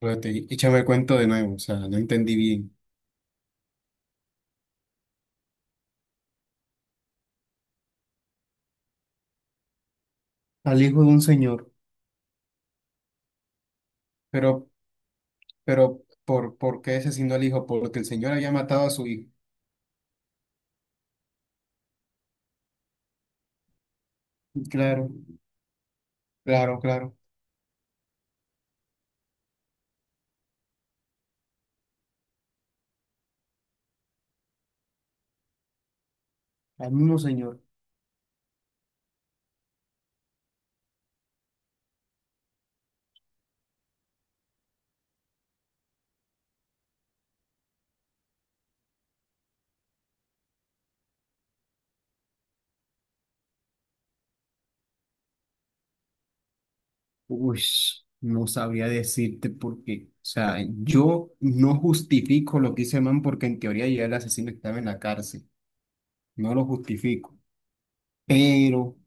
Espérate, échame el cuento de nuevo, o sea, no entendí bien. Al hijo de un señor. Pero, pero, ¿por qué asesinó al hijo? Porque el señor había matado a su hijo. Claro, claro, claro. Al mismo señor. Uy, no sabría decirte por qué. O sea, yo no justifico lo que hizo el man porque en teoría ya el asesino estaba en la cárcel. No lo justifico. Pero,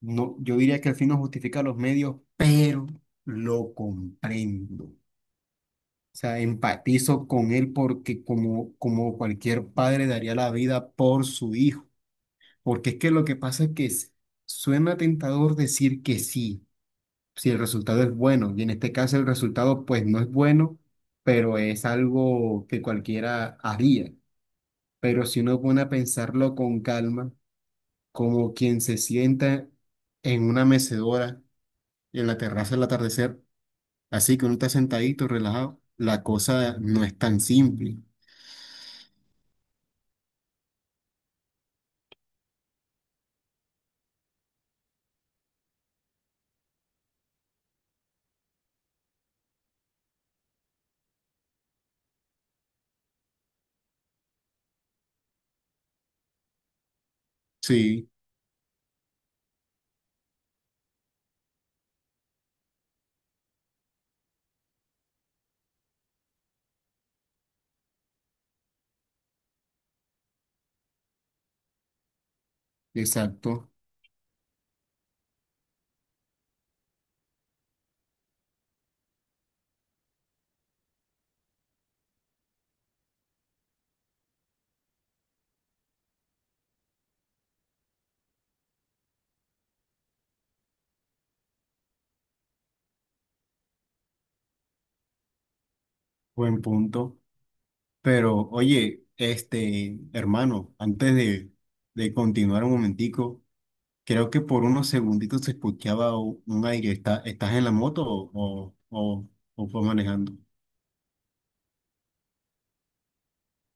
no, yo diría que al fin no justifica los medios, pero lo comprendo. O sea, empatizo con él porque como, como cualquier padre daría la vida por su hijo. Porque es que lo que pasa es que suena tentador decir que sí, si el resultado es bueno. Y en este caso el resultado pues no es bueno, pero es algo que cualquiera haría. Pero si uno pone a pensarlo con calma, como quien se sienta en una mecedora en la terraza al atardecer, así que uno está sentadito, relajado, la cosa no es tan simple. Sí. Exacto. Buen punto. Pero oye, hermano, antes de continuar un momentico, creo que por unos segunditos se escuchaba un aire. ¿Está, estás en la moto o fue manejando?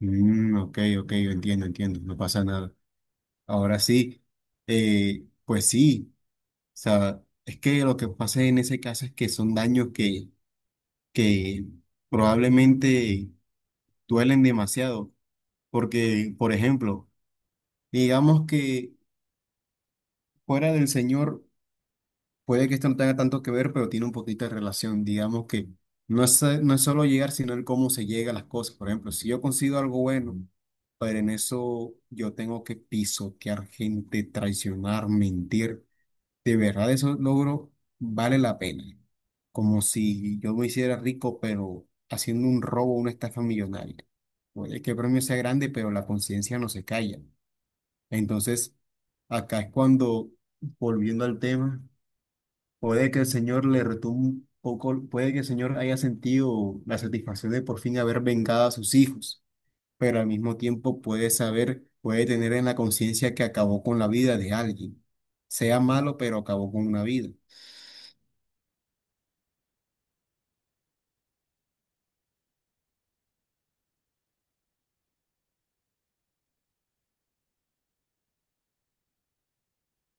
Mm, ok, ok, entiendo, entiendo, no pasa nada. Ahora sí, pues sí, o sea, es que lo que pasa en ese caso es que son daños que probablemente duelen demasiado, porque, por ejemplo, digamos que fuera del Señor puede que esto no tenga tanto que ver, pero tiene un poquito de relación. Digamos que no es, no es solo llegar, sino el cómo se llega a las cosas. Por ejemplo, si yo consigo algo bueno, pero en eso yo tengo que pisotear gente, traicionar, mentir, de verdad eso logro vale la pena. Como si yo me hiciera rico, pero haciendo un robo, una estafa millonaria. Puede que el premio sea grande, pero la conciencia no se calla. Entonces, acá es cuando, volviendo al tema, puede que el Señor le retumbe un poco, puede que el Señor haya sentido la satisfacción de por fin haber vengado a sus hijos, pero al mismo tiempo puede saber, puede tener en la conciencia que acabó con la vida de alguien, sea malo, pero acabó con una vida.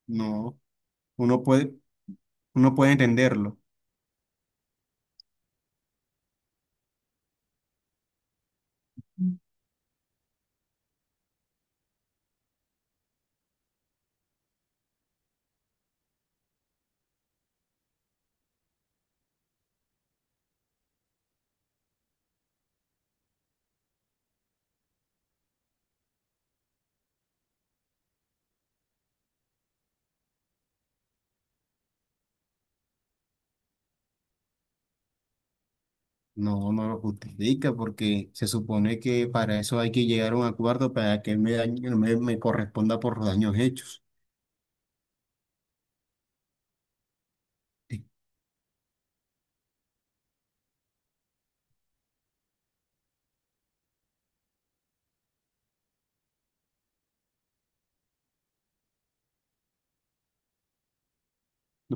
No, uno puede, uno puede entenderlo. No, no lo justifica porque se supone que para eso hay que llegar a un acuerdo para que me corresponda por los daños hechos.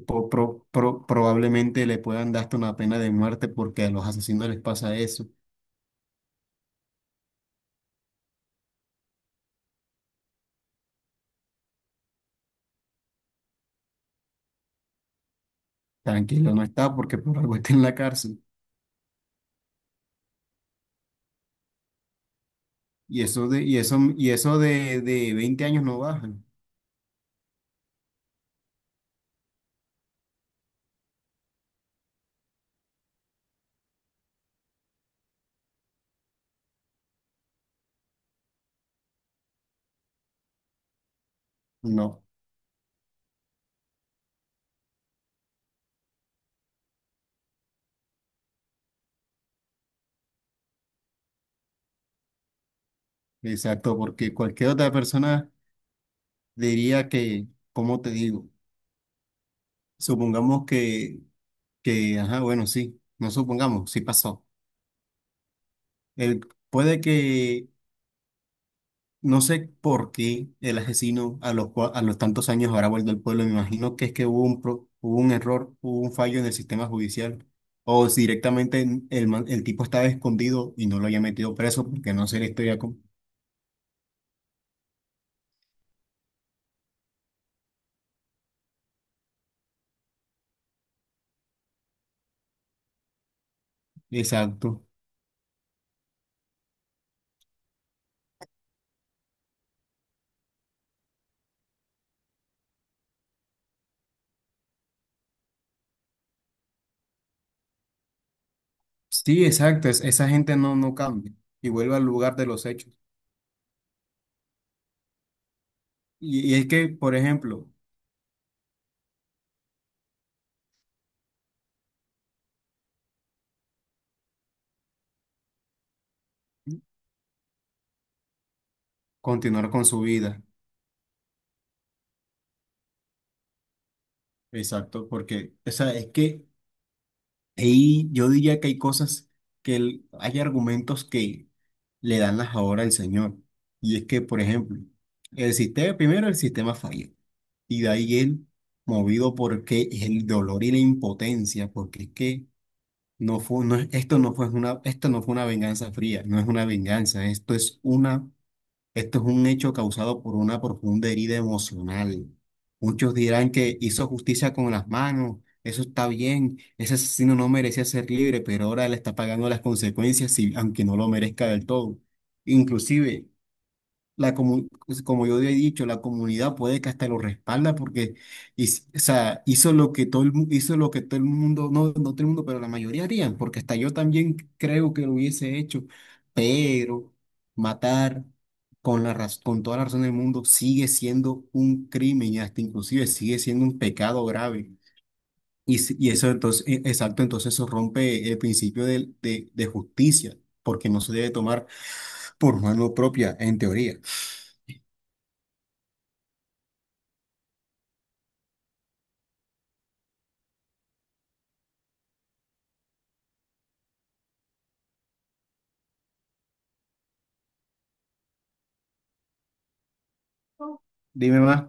Probablemente le puedan dar hasta una pena de muerte porque a los asesinos les pasa eso. Tranquilo, no está porque por algo está en la cárcel. Y eso De 20 años no bajan. No, exacto, porque cualquier otra persona diría que, ¿cómo te digo? Supongamos que, ajá, bueno, sí, no supongamos, sí pasó. El, Puede que no sé por qué el asesino a los, a los tantos años habrá vuelto al pueblo. Me imagino que es que hubo un, hubo un error, hubo un fallo en el sistema judicial. O si directamente el tipo estaba escondido y no lo haya metido preso porque no sé la historia. Exacto. Sí, exacto. Esa gente no, no cambia y vuelve al lugar de los hechos. Y es que, por ejemplo, continuar con su vida. Exacto, porque, o sea, es que ahí yo diría que hay cosas que hay argumentos que le dan las ahora al señor. Y es que, por ejemplo, el sistema, primero el sistema falló. Y de ahí él, movido porque el dolor y la impotencia, porque es que no fue, esto no fue una, esto no fue una venganza fría, no es una venganza, esto es una esto es un hecho causado por una profunda herida emocional. Muchos dirán que hizo justicia con las manos, eso está bien, ese asesino no merecía ser libre, pero ahora le está pagando las consecuencias, aunque no lo merezca del todo. Inclusive, pues, como yo he dicho, la comunidad puede que hasta lo respalda porque o sea, hizo lo que todo hizo lo que todo el mundo, no, no todo el mundo, pero la mayoría harían, porque hasta yo también creo que lo hubiese hecho, pero matar con con toda la razón del mundo sigue siendo un crimen y hasta inclusive sigue siendo un pecado grave. Y, si- Y eso entonces, exacto, entonces eso rompe el principio de justicia, porque no se debe tomar por mano propia, en teoría. Dime más.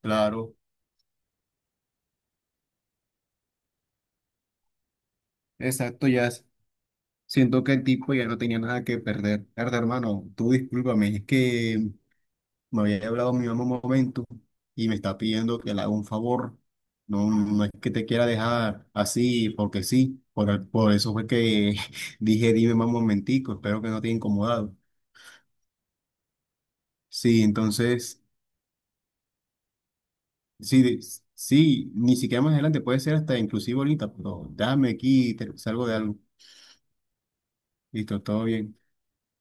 Claro, exacto, ya. Siento que el tipo ya no tenía nada que perder. Verdad, hermano, tú discúlpame, es que me había hablado mi mamá un momento y me está pidiendo que le haga un favor. No, no es que te quiera dejar así porque sí. Por eso fue que dije, dime mamá un momentico, espero que no te haya incomodado. Sí, entonces, sí, sí, ni siquiera más adelante, puede ser hasta inclusive ahorita, pero dame aquí, te, salgo de algo. Listo, todo bien.